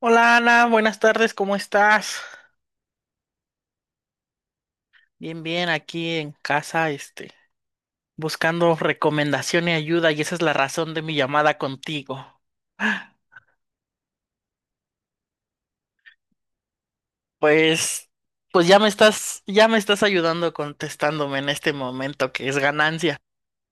Hola Ana, buenas tardes, ¿cómo estás? Bien, bien, aquí en casa, buscando recomendación y ayuda, y esa es la razón de mi llamada contigo. Pues, pues ya me estás ayudando contestándome en este momento, que es ganancia.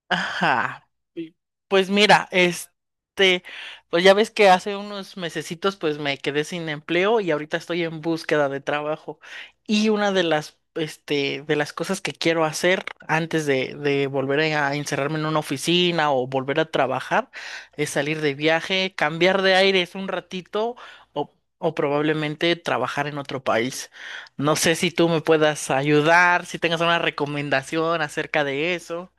Ajá. y- Pues mira, pues ya ves que hace unos mesecitos pues me quedé sin empleo y ahorita estoy en búsqueda de trabajo. Y una de las cosas que quiero hacer antes de volver a encerrarme en una oficina o volver a trabajar es salir de viaje, cambiar de aires un ratito o probablemente trabajar en otro país. No sé si tú me puedas ayudar, si tengas una recomendación acerca de eso.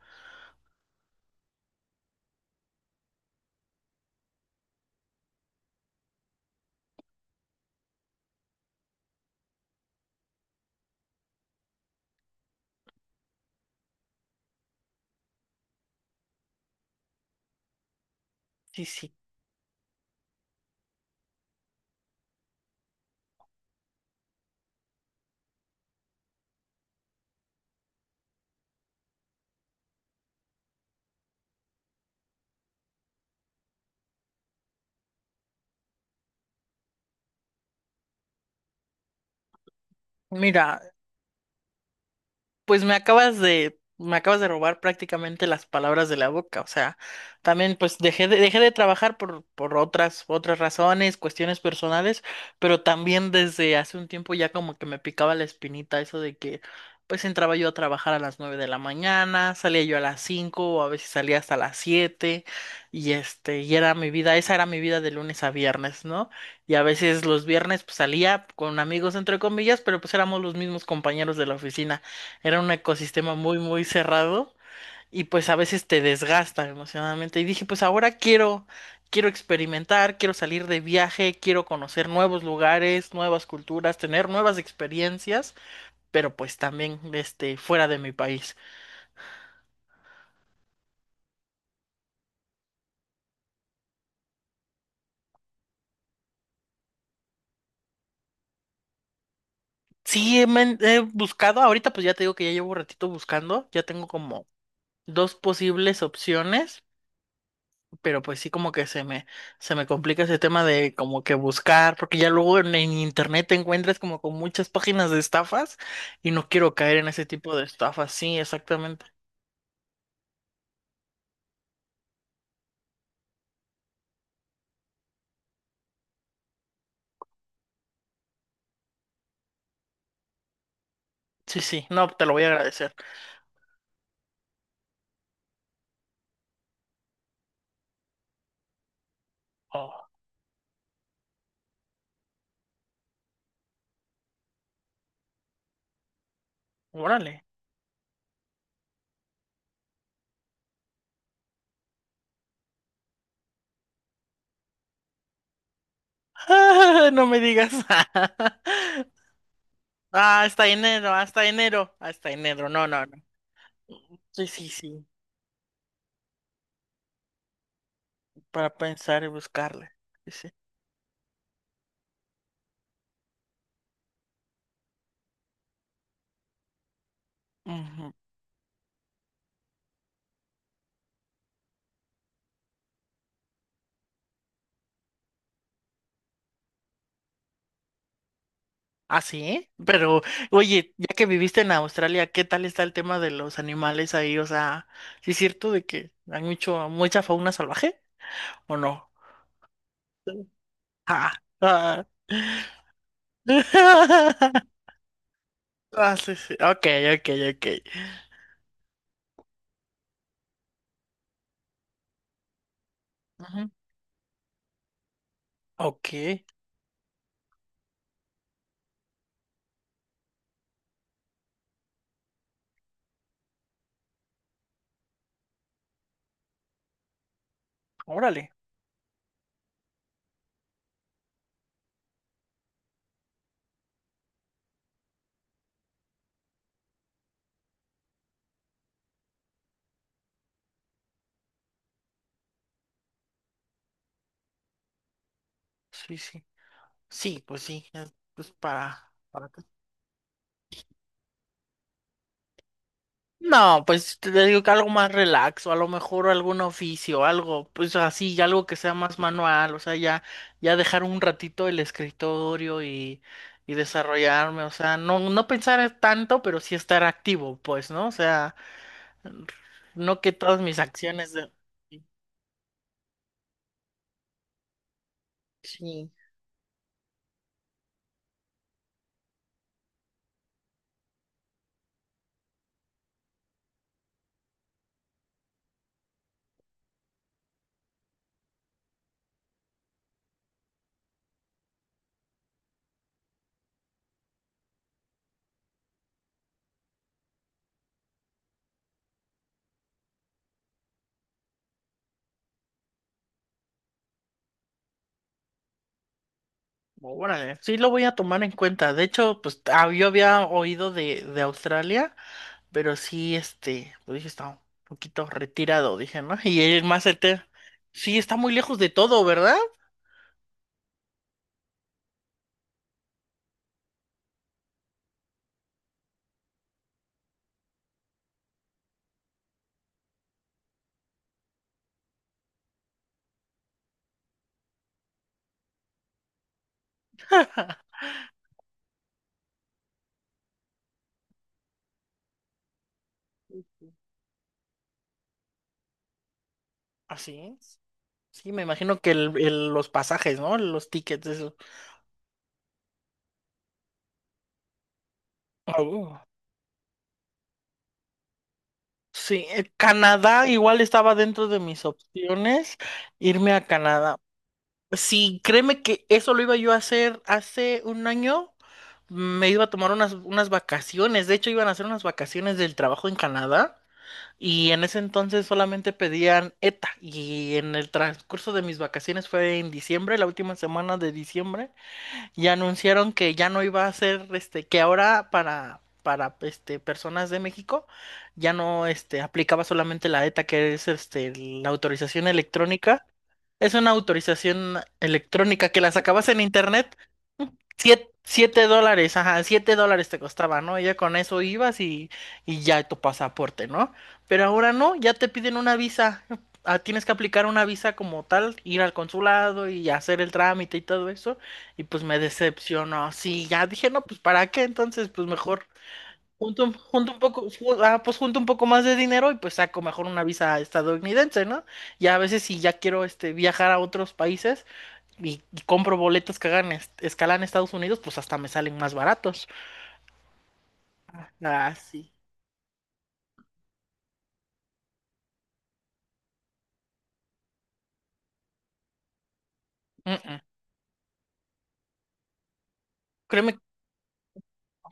Sí, sí. Mira, pues me acabas de robar prácticamente las palabras de la boca. O sea, también pues dejé de trabajar por otras razones, cuestiones personales, pero también desde hace un tiempo ya como que me picaba la espinita eso de que pues entraba yo a trabajar a las 9 de la mañana, salía yo a las 5, o a veces salía hasta las 7, y era mi vida, esa era mi vida de lunes a viernes, ¿no? Y a veces los viernes pues salía con amigos entre comillas, pero pues éramos los mismos compañeros de la oficina. Era un ecosistema muy, muy cerrado y pues a veces te desgasta emocionalmente. Y dije, pues ahora quiero experimentar, quiero salir de viaje, quiero conocer nuevos lugares, nuevas culturas, tener nuevas experiencias, pero pues también fuera de mi país. Sí, he buscado, ahorita pues ya te digo que ya llevo un ratito buscando, ya tengo como dos posibles opciones. Pero pues sí como que se me complica ese tema de como que buscar, porque ya luego en internet te encuentras como con muchas páginas de estafas y no quiero caer en ese tipo de estafas, sí, exactamente. Sí, sí, no, te lo voy a agradecer. Oh, órale. No me digas. Ah, hasta enero, hasta enero, hasta enero, no, no, no. Sí, sí, sí, para pensar y buscarle. Sí, sí. Ujú. Ah, sí, pero oye, ya que viviste en Australia, ¿qué tal está el tema de los animales ahí? O sea, ¿sí es cierto de que hay mucha fauna salvaje o no? Sí. Ah, ah. Ah, sí, sí. Ok, ok, ok. Ujú. Ok, órale. Sí, sí. Sí, pues sí, es, pues para. No, pues si te digo que algo más relaxo, a lo mejor algún oficio, algo, pues así, algo que sea más manual, o sea, ya, ya dejar un ratito el escritorio y desarrollarme, o sea, no, no pensar tanto, pero sí estar activo, pues, ¿no? O sea, no que todas mis acciones de... Sí, sí. Órale, sí lo voy a tomar en cuenta. De hecho, pues yo había oído de Australia. Pero sí, lo dije, está un poquito retirado, dije, ¿no? Y el más certero, sí, está muy lejos de todo, ¿verdad? Así es. Sí, me imagino que los pasajes, ¿no? Los tickets, eso. Ah. Sí, Canadá igual estaba dentro de mis opciones, irme a Canadá. Sí, créeme que eso lo iba yo a hacer hace un año. Me iba a tomar unas vacaciones, de hecho iban a hacer unas vacaciones del trabajo en Canadá. Y en ese entonces solamente pedían ETA. Y en el transcurso de mis vacaciones fue en diciembre, la última semana de diciembre, y anunciaron que ya no iba a ser, que ahora para personas de México ya no aplicaba solamente la ETA, que es la autorización electrónica. Es una autorización electrónica que la sacabas en internet. Siete dólares, ajá, $7 te costaba, ¿no? Ya con eso ibas y ya tu pasaporte, ¿no? Pero ahora no, ya te piden una visa. Ah, tienes que aplicar una visa como tal, ir al consulado y hacer el trámite y todo eso. Y pues me decepcionó. Sí, ya dije, no, pues ¿para qué? Entonces, pues mejor junto un poco más de dinero y pues saco mejor una visa estadounidense, ¿no? Ya a veces si ya quiero viajar a otros países y compro boletos que hagan escala en Estados Unidos, pues hasta me salen más baratos. Ah, sí. Mm, mm. Créeme,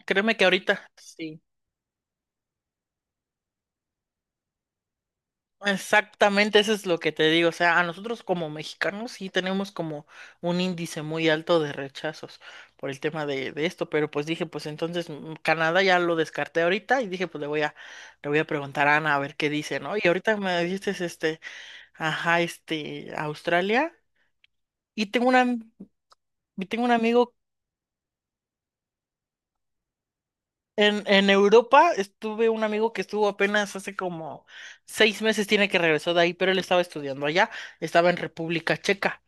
créeme que ahorita, sí, exactamente eso es lo que te digo. O sea, a nosotros como mexicanos sí tenemos como un índice muy alto de rechazos por el tema de esto, pero pues dije, pues entonces Canadá ya lo descarté ahorita y dije, pues le voy a preguntar a Ana a ver qué dice, ¿no? Y ahorita me dijiste, ajá, Australia. Y tengo un amigo. En Europa estuve un amigo que estuvo apenas hace como 6 meses, tiene que regresó de ahí, pero él estaba estudiando allá, estaba en República Checa.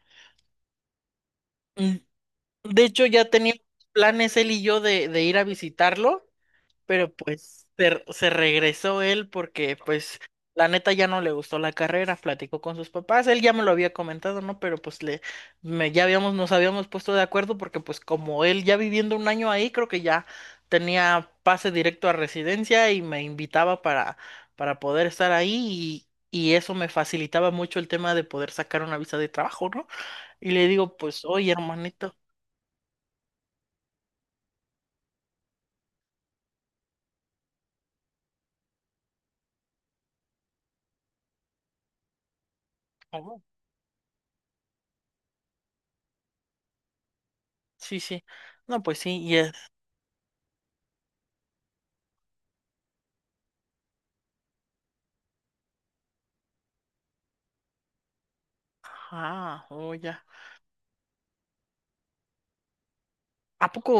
Mm, De hecho, ya teníamos planes él y yo de ir a visitarlo, pero pues se regresó él porque pues la neta ya no le gustó la carrera, platicó con sus papás, él ya me lo había comentado, ¿no? Pero pues ya habíamos, nos habíamos puesto de acuerdo porque pues como él ya viviendo un año ahí, creo que ya tenía pase directo a residencia y me invitaba para poder estar ahí y eso me facilitaba mucho el tema de poder sacar una visa de trabajo, ¿no? Y le digo, pues, oye, hermanito, oh, sí, sí, no, pues sí, y es, ah, oh, ya. ¿A poco?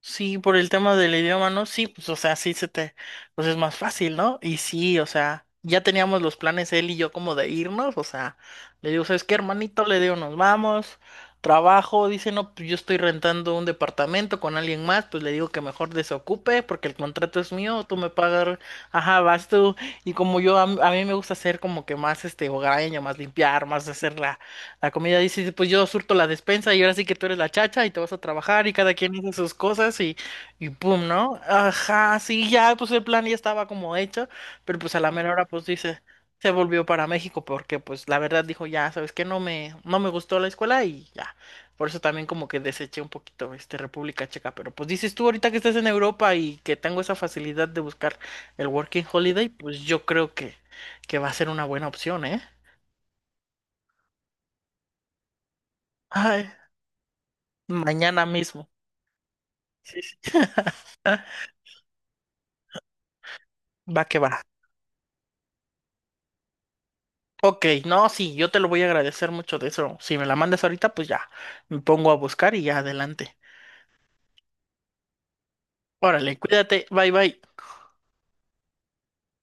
Sí, por el tema del idioma, ¿no? Sí, pues, o sea, sí se te, pues es más fácil, ¿no? Y sí, o sea, ya teníamos los planes él y yo como de irnos, o sea, le digo, ¿sabes qué, hermanito? Le digo, nos vamos, trabajo, dice, no, pues yo estoy rentando un departamento con alguien más, pues le digo que mejor desocupe porque el contrato es mío, tú me pagas, ajá, vas tú, y como yo, a mí me gusta hacer como que más, hogareño, más limpiar, más hacer la comida dice, pues yo surto la despensa y ahora sí que tú eres la chacha y te vas a trabajar y cada quien hizo sus cosas y pum, ¿no? Ajá, sí, ya, pues el plan ya estaba como hecho, pero pues a la mera hora, pues dice, se volvió para México porque pues la verdad dijo, ya, sabes que no me gustó la escuela y ya. Por eso también como que deseché un poquito República Checa, pero pues dices tú ahorita que estás en Europa y que tengo esa facilidad de buscar el Working Holiday, pues yo creo que va a ser una buena opción, ¿eh? Ay, mañana mismo. Sí, sí. Va que va. Ok, no, sí, yo te lo voy a agradecer mucho de eso. Si me la mandas ahorita, pues ya, me pongo a buscar y ya adelante. Órale, cuídate, bye bye.